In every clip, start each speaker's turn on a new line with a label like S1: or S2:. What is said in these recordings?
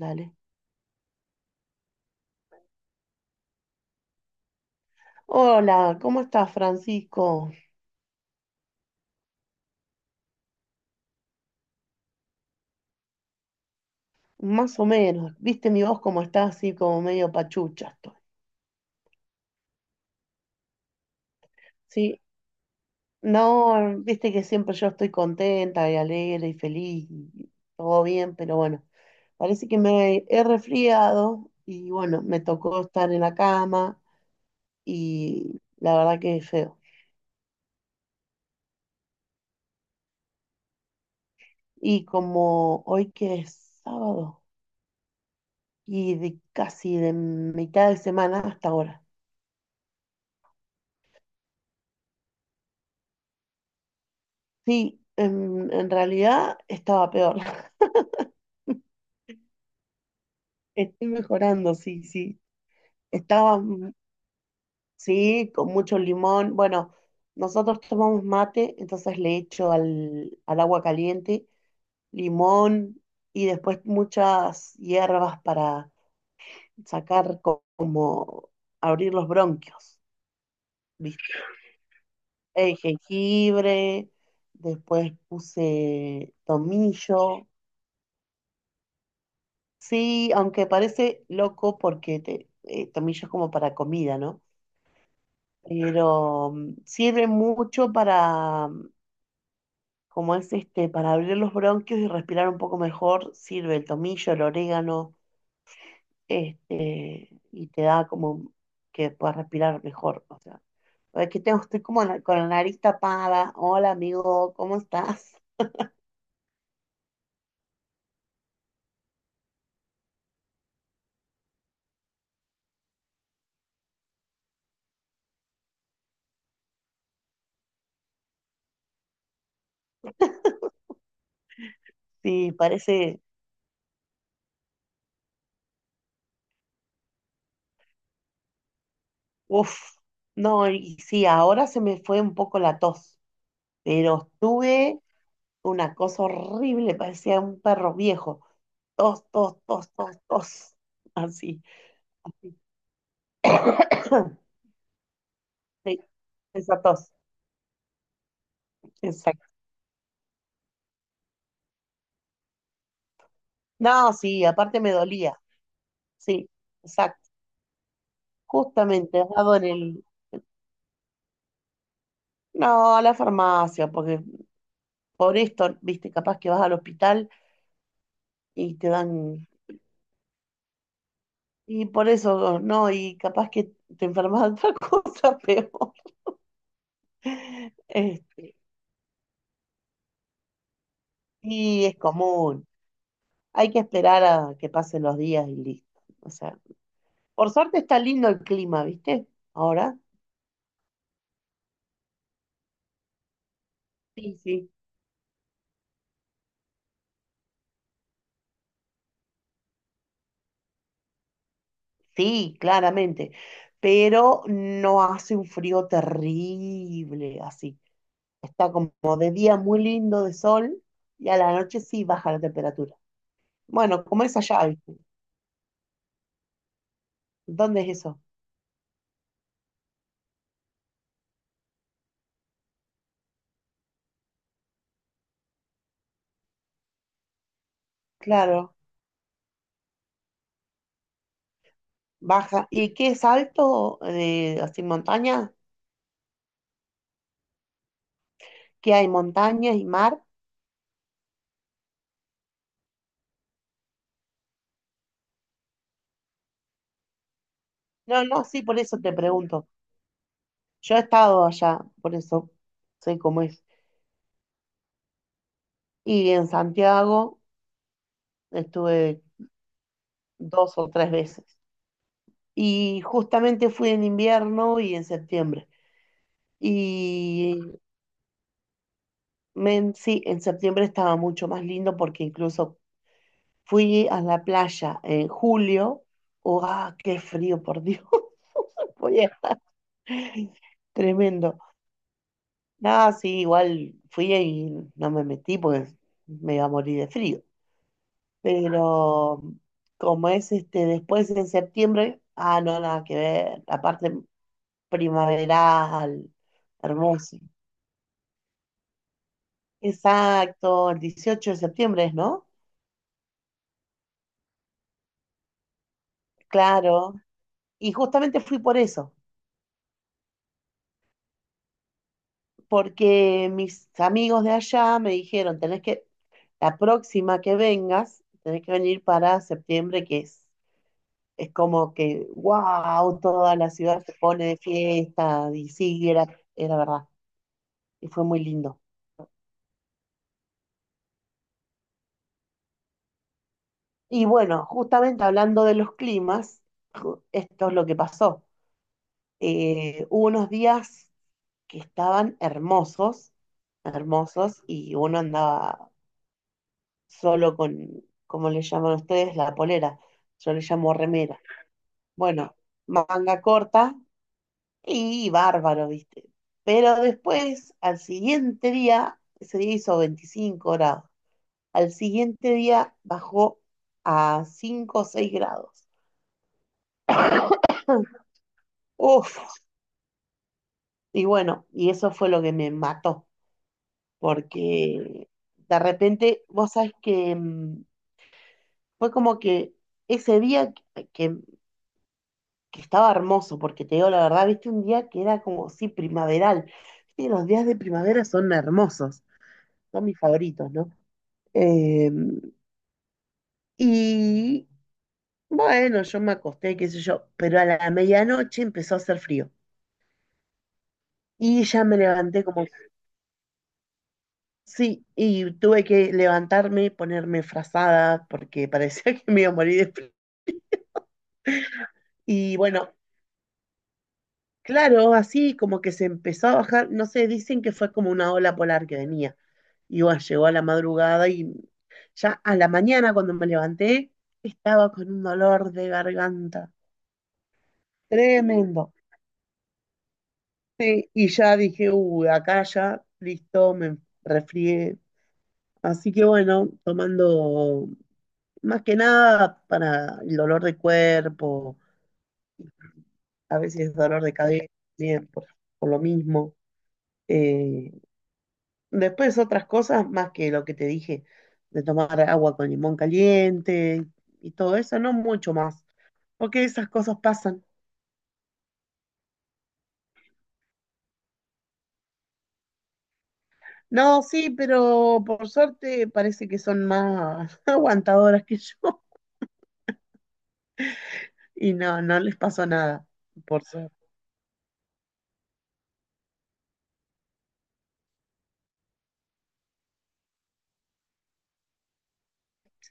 S1: Dale. Hola, ¿cómo estás, Francisco? Más o menos. ¿Viste mi voz como está así, como medio pachucha estoy? Sí. No, viste que siempre yo estoy contenta y alegre y feliz y todo bien, pero bueno, parece que me he resfriado y bueno, me tocó estar en la cama y la verdad que es feo. Y como hoy que es sábado y de casi de mitad de semana hasta ahora. Sí, en realidad estaba peor. Estoy mejorando, sí, sí. Estaba, sí, con mucho limón. Bueno, nosotros tomamos mate, entonces le echo al agua caliente limón y después muchas hierbas para sacar como abrir los bronquios, ¿viste? Jengibre, después puse tomillo. Sí, aunque parece loco porque tomillo es como para comida, ¿no? Pero sirve mucho para, como es este, para abrir los bronquios y respirar un poco mejor, sirve el tomillo, el orégano, este, y te da como que puedas respirar mejor. O sea, es que tengo, estoy como con la nariz tapada. Hola, amigo, ¿cómo estás? Sí, parece, uff, no, y sí, ahora se me fue un poco la tos, pero estuve. Una cosa horrible, parecía un perro viejo. Tos, tos, tos, tos, tos. Así. Sí, esa tos. Exacto. No, sí, aparte me dolía. Sí, exacto. Justamente, has dado en el... No, a la farmacia, porque por esto, viste, capaz que vas al hospital y te dan... Y por eso, no, y capaz que te enfermas de otra cosa peor. Este, y es común. Hay que esperar a que pasen los días y listo. O sea, por suerte está lindo el clima, ¿viste? Ahora. Sí, sí. Sí, claramente. Pero no hace un frío terrible así. Está como de día muy lindo de sol y a la noche sí baja la temperatura. Bueno, como es allá, ¿viste? ¿Dónde es eso? Claro, baja. ¿Y qué es alto? Así montaña. ¿Qué hay? ¿Montañas y mar? No, no, sí, por eso te pregunto. Yo he estado allá, por eso sé cómo es. Y en Santiago estuve dos o tres veces. Y justamente fui en invierno y en septiembre. Y sí, en septiembre estaba mucho más lindo porque incluso fui a la playa en julio. ¡Oh, ah, qué frío, por Dios! Voy a- Tremendo. Nada, sí, igual fui y no me metí porque me iba a morir de frío. Pero como es este después en septiembre, ah, no, nada que ver, la parte primaveral, hermoso. Exacto, el 18 de septiembre es, ¿no? Claro, y justamente fui por eso, porque mis amigos de allá me dijeron, tenés que, la próxima que vengas, tenés que venir para septiembre, que es como que, wow, toda la ciudad se pone de fiesta, y sí, era verdad, y fue muy lindo. Y bueno, justamente hablando de los climas, esto es lo que pasó. Hubo unos días que estaban hermosos, hermosos, y uno andaba solo con, ¿cómo le llaman ustedes? La polera. Yo le llamo remera. Bueno, manga corta y bárbaro, ¿viste? Pero después, al siguiente día, ese día hizo 25 grados. Al siguiente día bajó a 5 o 6 grados. Uf, y bueno, y eso fue lo que me mató, porque de repente, vos sabés que fue como que ese día que estaba hermoso, porque te digo la verdad, viste un día que era como, sí, primaveral. Viste, los días de primavera son hermosos, son mis favoritos, ¿no? Eh, y bueno, yo me acosté, qué sé yo, pero a la medianoche empezó a hacer frío. Y ya me levanté como. Sí, y tuve que levantarme, ponerme frazada, porque parecía que me iba a morir de frío. Y bueno, claro, así como que se empezó a bajar, no sé, dicen que fue como una ola polar que venía. Y bueno, llegó a la madrugada y ya a la mañana cuando me levanté, estaba con un dolor de garganta tremendo. Sí, y ya dije, uy, acá ya, listo, me resfrié. Así que bueno, tomando más que nada para el dolor de cuerpo, a veces dolor de cabeza, bien, por lo mismo. Eh, después otras cosas más que lo que te dije, de tomar agua con limón caliente y todo eso, no mucho más, porque esas cosas pasan. No, sí, pero por suerte parece que son más aguantadoras que yo y no, no les pasó nada, por suerte.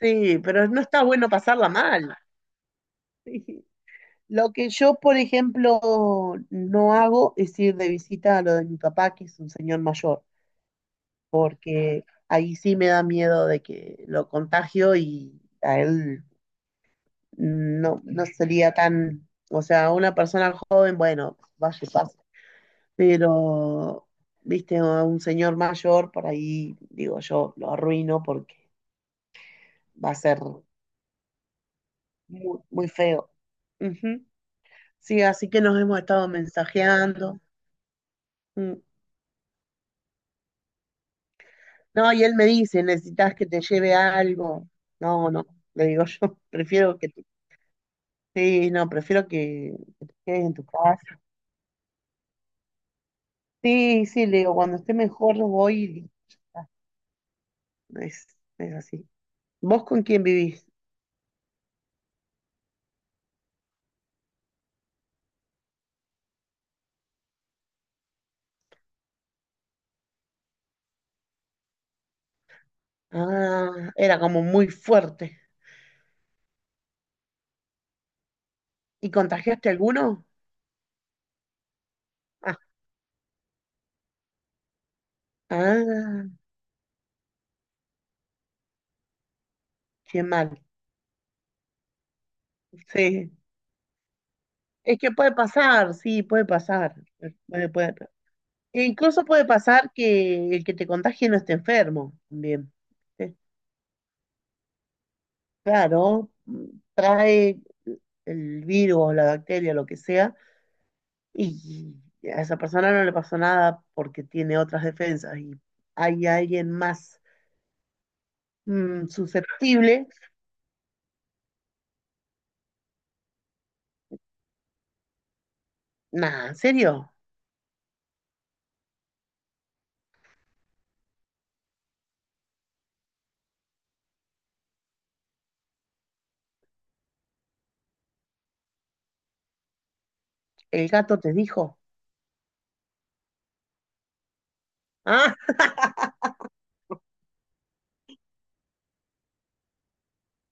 S1: Sí, pero no está bueno pasarla mal. Sí. Lo que yo, por ejemplo, no hago es ir de visita a lo de mi papá, que es un señor mayor, que ahí sí me da miedo de que lo contagio y a él no, no sería tan, o sea, una persona joven, bueno, vaya y pase, pero, viste, a un señor mayor, por ahí, digo, yo lo arruino porque va a ser muy, muy feo. Ujú. Sí, así que nos hemos estado mensajeando. Mm. No, y él me dice, necesitas que te lleve algo. No, no, le digo yo, prefiero que te- Sí, no, prefiero que te quedes en tu casa. Sí, sí, le digo, cuando esté mejor voy. Y ya está. Es así. ¿Vos con quién vivís? Ah, era como muy fuerte. ¿Y contagiaste alguno? Ah, ah, qué mal. Sí. Es que puede pasar, sí, puede pasar. Puede, puede. E incluso puede pasar que el que te contagie no esté enfermo también. Claro, trae el virus, la bacteria, lo que sea, y a esa persona no le pasó nada porque tiene otras defensas y hay alguien más susceptible. Nada, ¿en serio? ¿El gato te dijo? Ah,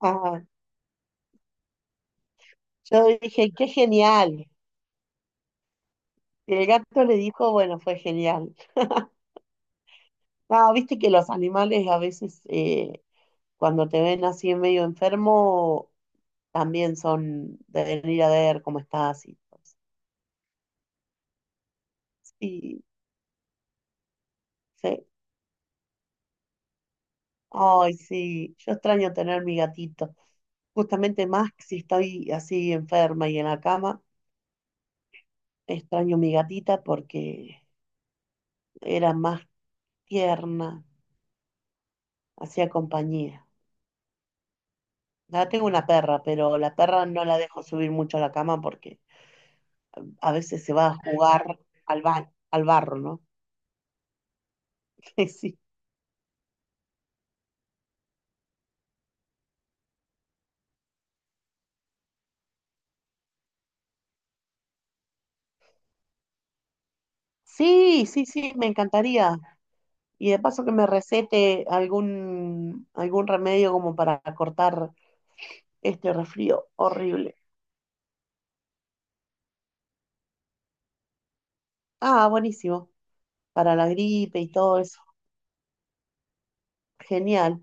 S1: ah, yo dije, qué genial. Y el gato le dijo, bueno, fue genial. No, viste que los animales a veces cuando te ven así medio enfermo, también son de venir a ver cómo estás y cosas. Sí. Ay, sí, yo extraño tener mi gatito. Justamente más que si estoy así enferma y en la cama, extraño mi gatita porque era más tierna, hacía compañía. Ahora tengo una perra, pero la perra no la dejo subir mucho a la cama porque a veces se va a jugar al barro, ¿no? Sí. Sí, sí, sí, me encantaría. Y de paso que me recete algún remedio como para cortar este resfrío horrible. Ah, buenísimo. Para la gripe y todo eso. Genial.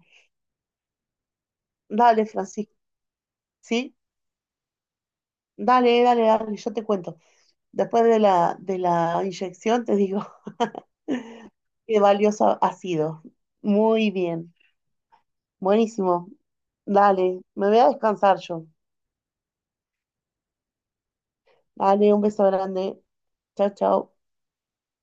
S1: Dale, Francisco. ¿Sí? Dale, dale, dale, yo te cuento. Después de la inyección te digo qué valioso ha sido. Muy bien. Buenísimo. Dale, me voy a descansar yo. Dale, un beso grande. Chao, chao.